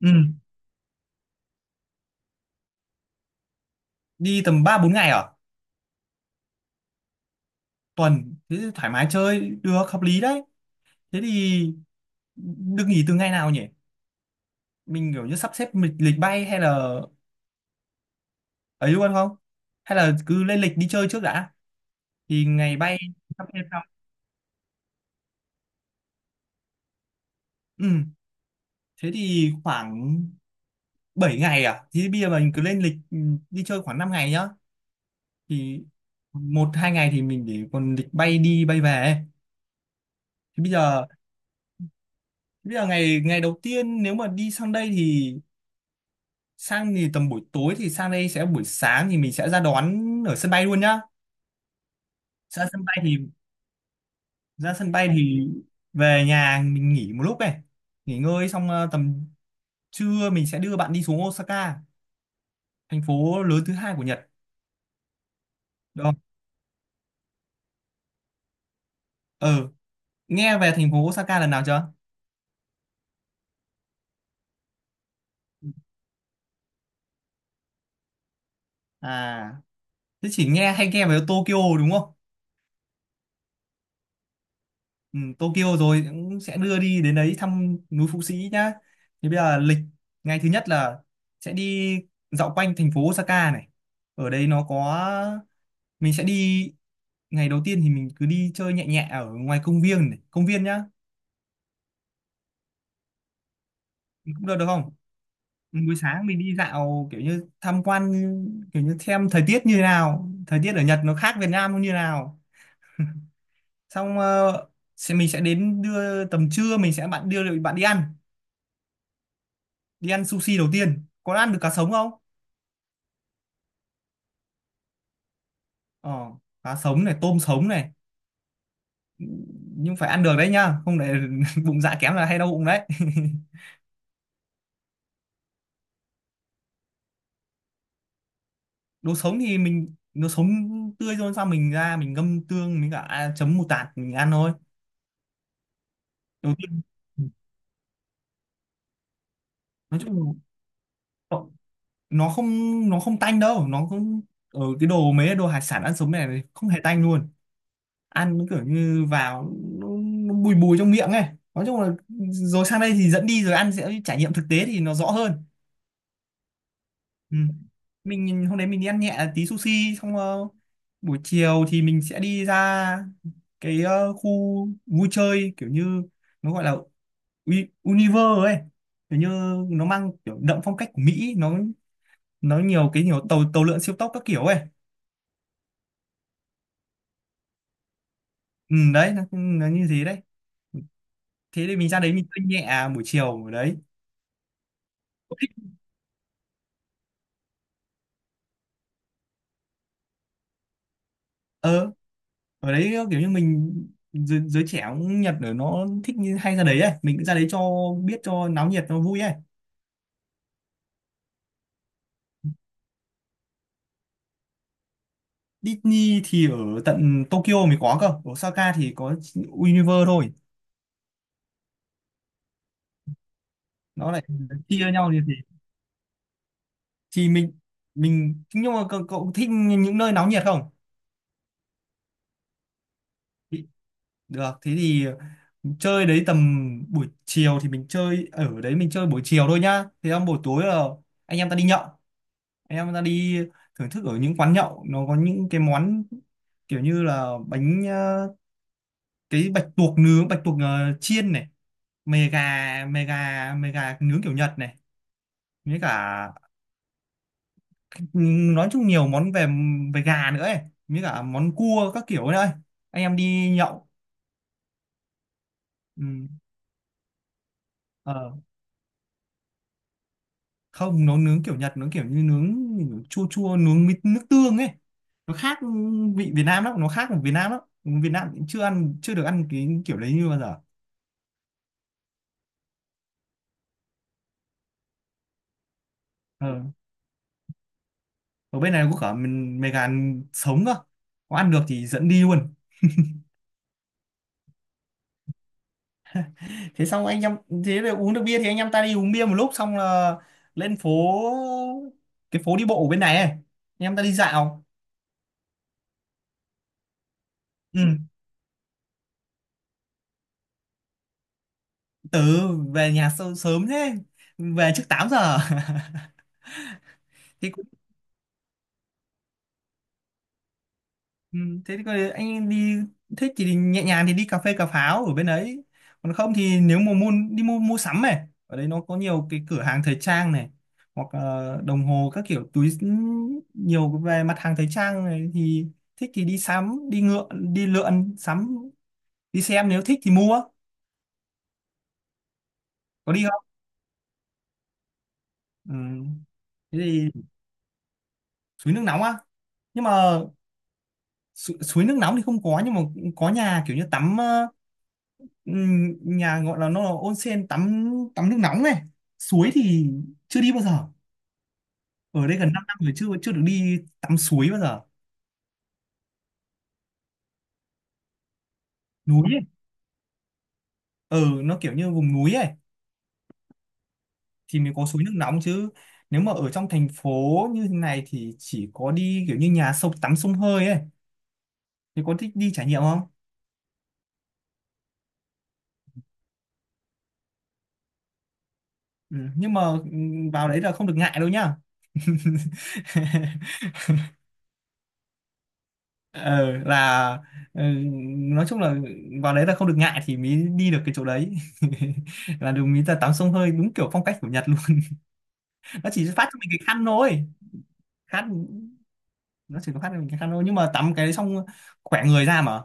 Ừ, đi tầm 3 4 ngày ở tuần thế thì thoải mái chơi được hợp lý đấy. Thế thì được nghỉ từ ngày nào nhỉ? Mình kiểu như sắp xếp lịch bay hay là ấy luôn không? Hay là cứ lên lịch đi chơi trước đã thì ngày bay sắp xếp sau. Ừ, thế thì khoảng 7 ngày à? Thì bây giờ mình cứ lên lịch đi chơi khoảng 5 ngày nhá. Thì một hai ngày thì mình để còn lịch bay đi bay về. Thì bây giờ ngày ngày đầu tiên nếu mà đi sang đây thì sang thì tầm buổi tối thì sang đây sẽ buổi sáng thì mình sẽ ra đón ở sân bay luôn nhá. Ra sân bay thì ra sân bay thì về nhà mình nghỉ một lúc này, nghỉ ngơi xong tầm trưa mình sẽ đưa bạn đi xuống Osaka, thành phố lớn thứ hai của Nhật, được không? ờ Nghe về thành phố Osaka lần nào chưa? À, thế chỉ nghe hay nghe về Tokyo đúng không? Ừ, Tokyo rồi cũng sẽ đưa đi đến đấy thăm núi Phú Sĩ nhá. Thì bây giờ lịch ngày thứ nhất là sẽ đi dạo quanh thành phố Osaka này. Ở đây nó có, mình sẽ đi ngày đầu tiên thì mình cứ đi chơi nhẹ nhẹ ở ngoài công viên này công viên nhá. Cũng được, được không? Ừ, buổi sáng mình đi dạo kiểu như tham quan, kiểu như xem thời tiết như thế nào, thời tiết ở Nhật nó khác Việt Nam nó như thế nào. Xong sẽ mình sẽ đến đưa tầm trưa mình sẽ bạn đưa bạn đi ăn sushi đầu tiên, có ăn được cá sống không? ờ Cá sống này, tôm sống này, nhưng phải ăn được đấy nhá, không để bụng dạ kém là hay đau bụng đấy. Đồ sống thì mình đồ sống tươi rồi, sao mình ra mình ngâm tương mình cả à, chấm mù tạt mình ăn thôi đầu tiên. Nói chung là nó không nó không tanh đâu, nó không, ở cái đồ mấy cái đồ hải sản ăn sống này thì không hề tanh luôn. Ăn nó kiểu như vào nó bùi bùi trong miệng ấy. Nói chung là rồi sang đây thì dẫn đi rồi ăn sẽ trải nghiệm thực tế thì nó rõ hơn. Ừ. Hôm đấy mình đi ăn nhẹ tí sushi xong buổi chiều thì mình sẽ đi ra cái khu vui chơi kiểu như nó gọi là Universe ấy, kiểu như nó mang kiểu đậm phong cách của Mỹ, nó nhiều cái, nhiều tàu tàu lượn siêu tốc các kiểu ấy. Ừ, đấy nó như thế đấy. Thế thì mình ra đấy mình chơi nhẹ à, buổi chiều ở đấy. ờ Ở đấy kiểu như mình giới trẻ cũng Nhật ở nó thích như hay ra đấy ấy, mình cứ ra đấy cho biết cho náo nhiệt nó vui ấy. Disney thì ở tận Tokyo mới có cơ, ở Osaka thì có Universe thôi. Nó lại chia nhau như thế. Thì mình nhưng mà cậu thích những nơi náo nhiệt không? Thì- Được, thế thì chơi đấy tầm buổi chiều, thì mình chơi ở đấy mình chơi buổi chiều thôi nhá, thế xong buổi tối là anh em ta đi nhậu, anh em ta đi thưởng thức ở những quán nhậu, nó có những cái món kiểu như là bánh cái bạch tuộc nướng, bạch tuộc chiên này, mề gà mề gà mề gà nướng kiểu Nhật này, với cả ừ, nói chung nhiều món về về gà nữa ấy, với cả món cua các kiểu ấy, anh em đi nhậu. Ừ. Ờ. Không, nó nướng kiểu Nhật nó kiểu như nướng chua chua, nướng mít nước tương ấy, nó khác vị Việt Nam lắm, nó khác của Việt Nam lắm, Việt Nam cũng chưa được ăn cái kiểu đấy như bao giờ. Ờ. Ở bên này có cả mình mề gà sống cơ, có ăn được thì dẫn đi luôn. Thế xong anh em, thế là uống được bia thì anh em ta đi uống bia một lúc xong là lên phố, cái phố đi bộ ở bên này ấy. Anh em ta đi dạo. Ừ, từ về nhà sớm thế, về trước 8 giờ. Thế. Ừ, thế thì coi anh đi, thích thì nhẹ nhàng thì đi cà phê cà pháo ở bên đấy, còn không thì nếu mà mua đi mua mua sắm này, ở đấy nó có nhiều cái cửa hàng thời trang này, hoặc đồng hồ các kiểu túi nhiều về mặt hàng thời trang này, thì thích thì đi sắm, đi ngựa, đi lượn sắm đi xem, nếu thích thì mua, có đi không? Ừ. Thế thì suối nước nóng á, nhưng mà suối nước nóng thì không có, nhưng mà có nhà kiểu như tắm. Nhà gọi là nó là onsen, tắm tắm nước nóng này. Suối thì chưa đi bao giờ, ở đây gần 5 năm rồi chưa chưa được đi tắm suối bao giờ. Núi ấy. ờ nó kiểu như vùng núi ấy thì mới có suối nước nóng chứ, nếu mà ở trong thành phố như thế này thì chỉ có đi kiểu như nhà sông tắm sông hơi ấy, thì có thích đi trải nghiệm không? Ừ, nhưng mà vào đấy là không được ngại đâu nhá. Ờ, là ừ, nói chung là vào đấy là không được ngại thì mới đi được cái chỗ đấy. Là đúng mới là tắm sông hơi đúng kiểu phong cách của Nhật luôn. Nó chỉ phát cho mình cái khăn thôi. Khăn nó chỉ có phát cho mình cái khăn thôi, nhưng mà tắm cái đấy xong khỏe người ra mà.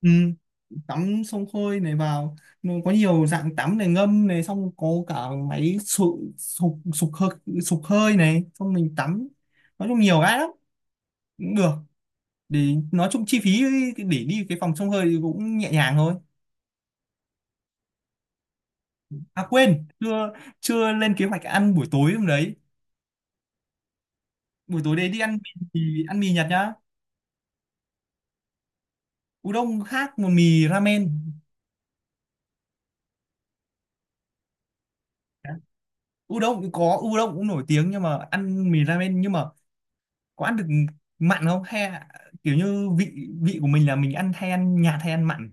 Ừ, tắm sông hơi này vào, nó có nhiều dạng tắm này, ngâm này, xong có cả máy sục sục sục hơi này, xong mình tắm, nói chung nhiều cái lắm, cũng được. Để nói chung chi phí để đi cái phòng sông hơi thì cũng nhẹ nhàng thôi. À quên, chưa chưa lên kế hoạch ăn buổi tối hôm đấy. Buổi tối đấy đi mì, ăn mì Nhật nhá. Udon khác một mì ramen. Udon cũng có, udon cũng nổi tiếng, nhưng mà ăn mì ramen. Nhưng mà có ăn được mặn không, hay là kiểu như vị vị của mình là mình ăn, hay ăn nhạt hay ăn mặn?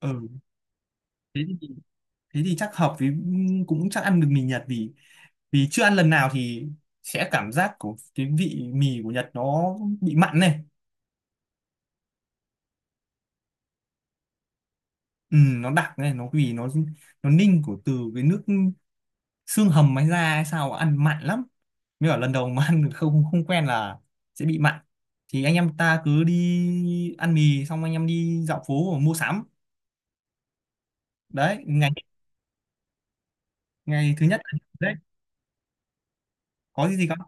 Ừ, thế thì, thế thì chắc hợp với, cũng chắc ăn được mì Nhật, vì vì chưa ăn lần nào thì sẽ cảm giác của cái vị mì của Nhật nó bị mặn này. Ừ, nó đặc này, nó vì nó ninh của từ cái nước xương hầm hay da hay sao, ăn mặn lắm, mới bảo lần đầu mà ăn không không quen là sẽ bị mặn. Thì anh em ta cứ đi ăn mì xong anh em đi dạo phố mua sắm, đấy ngày ngày thứ nhất là- đấy, có gì gì không?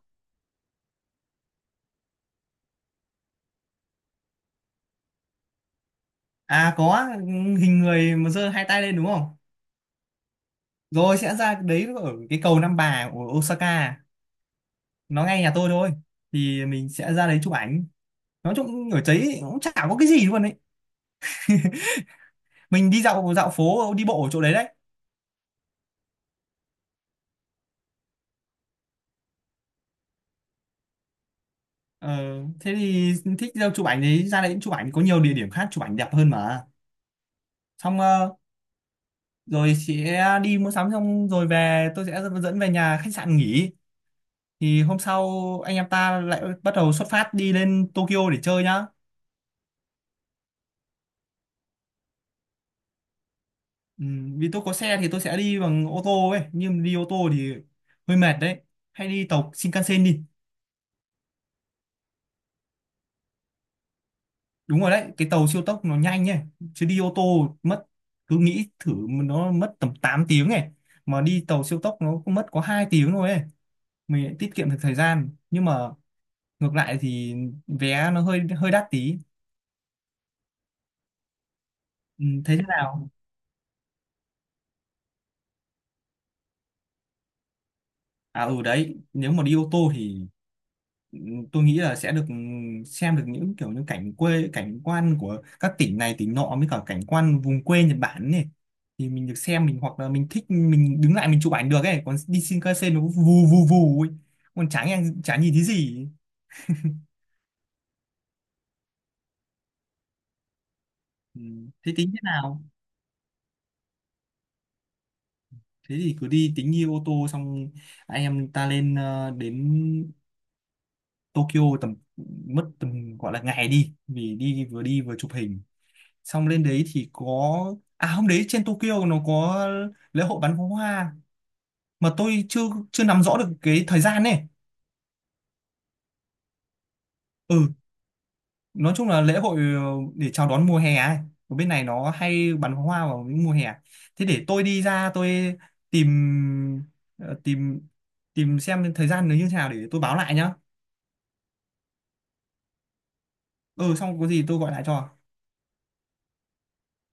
À, có hình người mà giơ hai tay lên đúng không? Rồi sẽ ra đấy ở cái cầu Nam Bà của Osaka, nó ngay nhà tôi thôi, thì mình sẽ ra đấy chụp ảnh, nói chung ở đấy cũng chả có cái gì luôn đấy, mình đi dạo dạo phố đi bộ ở chỗ đấy đấy. Ờ, thế thì thích đâu chụp ảnh thì ra đấy chụp ảnh, có nhiều địa điểm khác chụp ảnh đẹp hơn mà. Xong rồi chị đi mua sắm xong rồi về tôi sẽ dẫn về nhà khách sạn nghỉ, thì hôm sau anh em ta lại bắt đầu xuất phát đi lên Tokyo để chơi nhá. Ừ, vì tôi có xe thì tôi sẽ đi bằng ô tô ấy, nhưng đi ô tô thì hơi mệt đấy, hay đi tàu Shinkansen đi. Đúng rồi đấy, cái tàu siêu tốc nó nhanh ấy, chứ đi ô tô mất, cứ nghĩ thử, nó mất tầm 8 tiếng này, mà đi tàu siêu tốc nó cũng mất có 2 tiếng thôi ấy, mình lại tiết kiệm được thời gian, nhưng mà ngược lại thì vé nó hơi hơi đắt tí. Ừ, thế thế nào. À, ừ đấy, nếu mà đi ô tô thì tôi nghĩ là sẽ được xem được những kiểu như cảnh quê, cảnh quan của các tỉnh này tỉnh nọ, với cả cảnh quan vùng quê Nhật Bản này, thì mình được xem, mình hoặc là mình thích mình đứng lại mình chụp ảnh được ấy, còn đi Shinkansen nó vù vù vù ấy, còn chả nghe chả nhìn thấy gì. Ừ. Thế tính thế nào? Thế thì cứ đi tính đi ô tô, xong anh em ta lên đến Tokyo, tầm mất tầm gọi là ngày đi vì đi vừa chụp hình. Xong lên đấy thì có, à hôm đấy trên Tokyo nó có lễ hội bắn pháo hoa, mà tôi chưa chưa nắm rõ được cái thời gian này. Ừ, nói chung là lễ hội để chào đón mùa hè ấy. Ở bên này nó hay bắn pháo hoa vào những mùa hè, thế để tôi đi ra tôi tìm ờ, tìm tìm xem thời gian nó như thế nào để tôi báo lại nhá. Ừ, xong có gì tôi gọi lại cho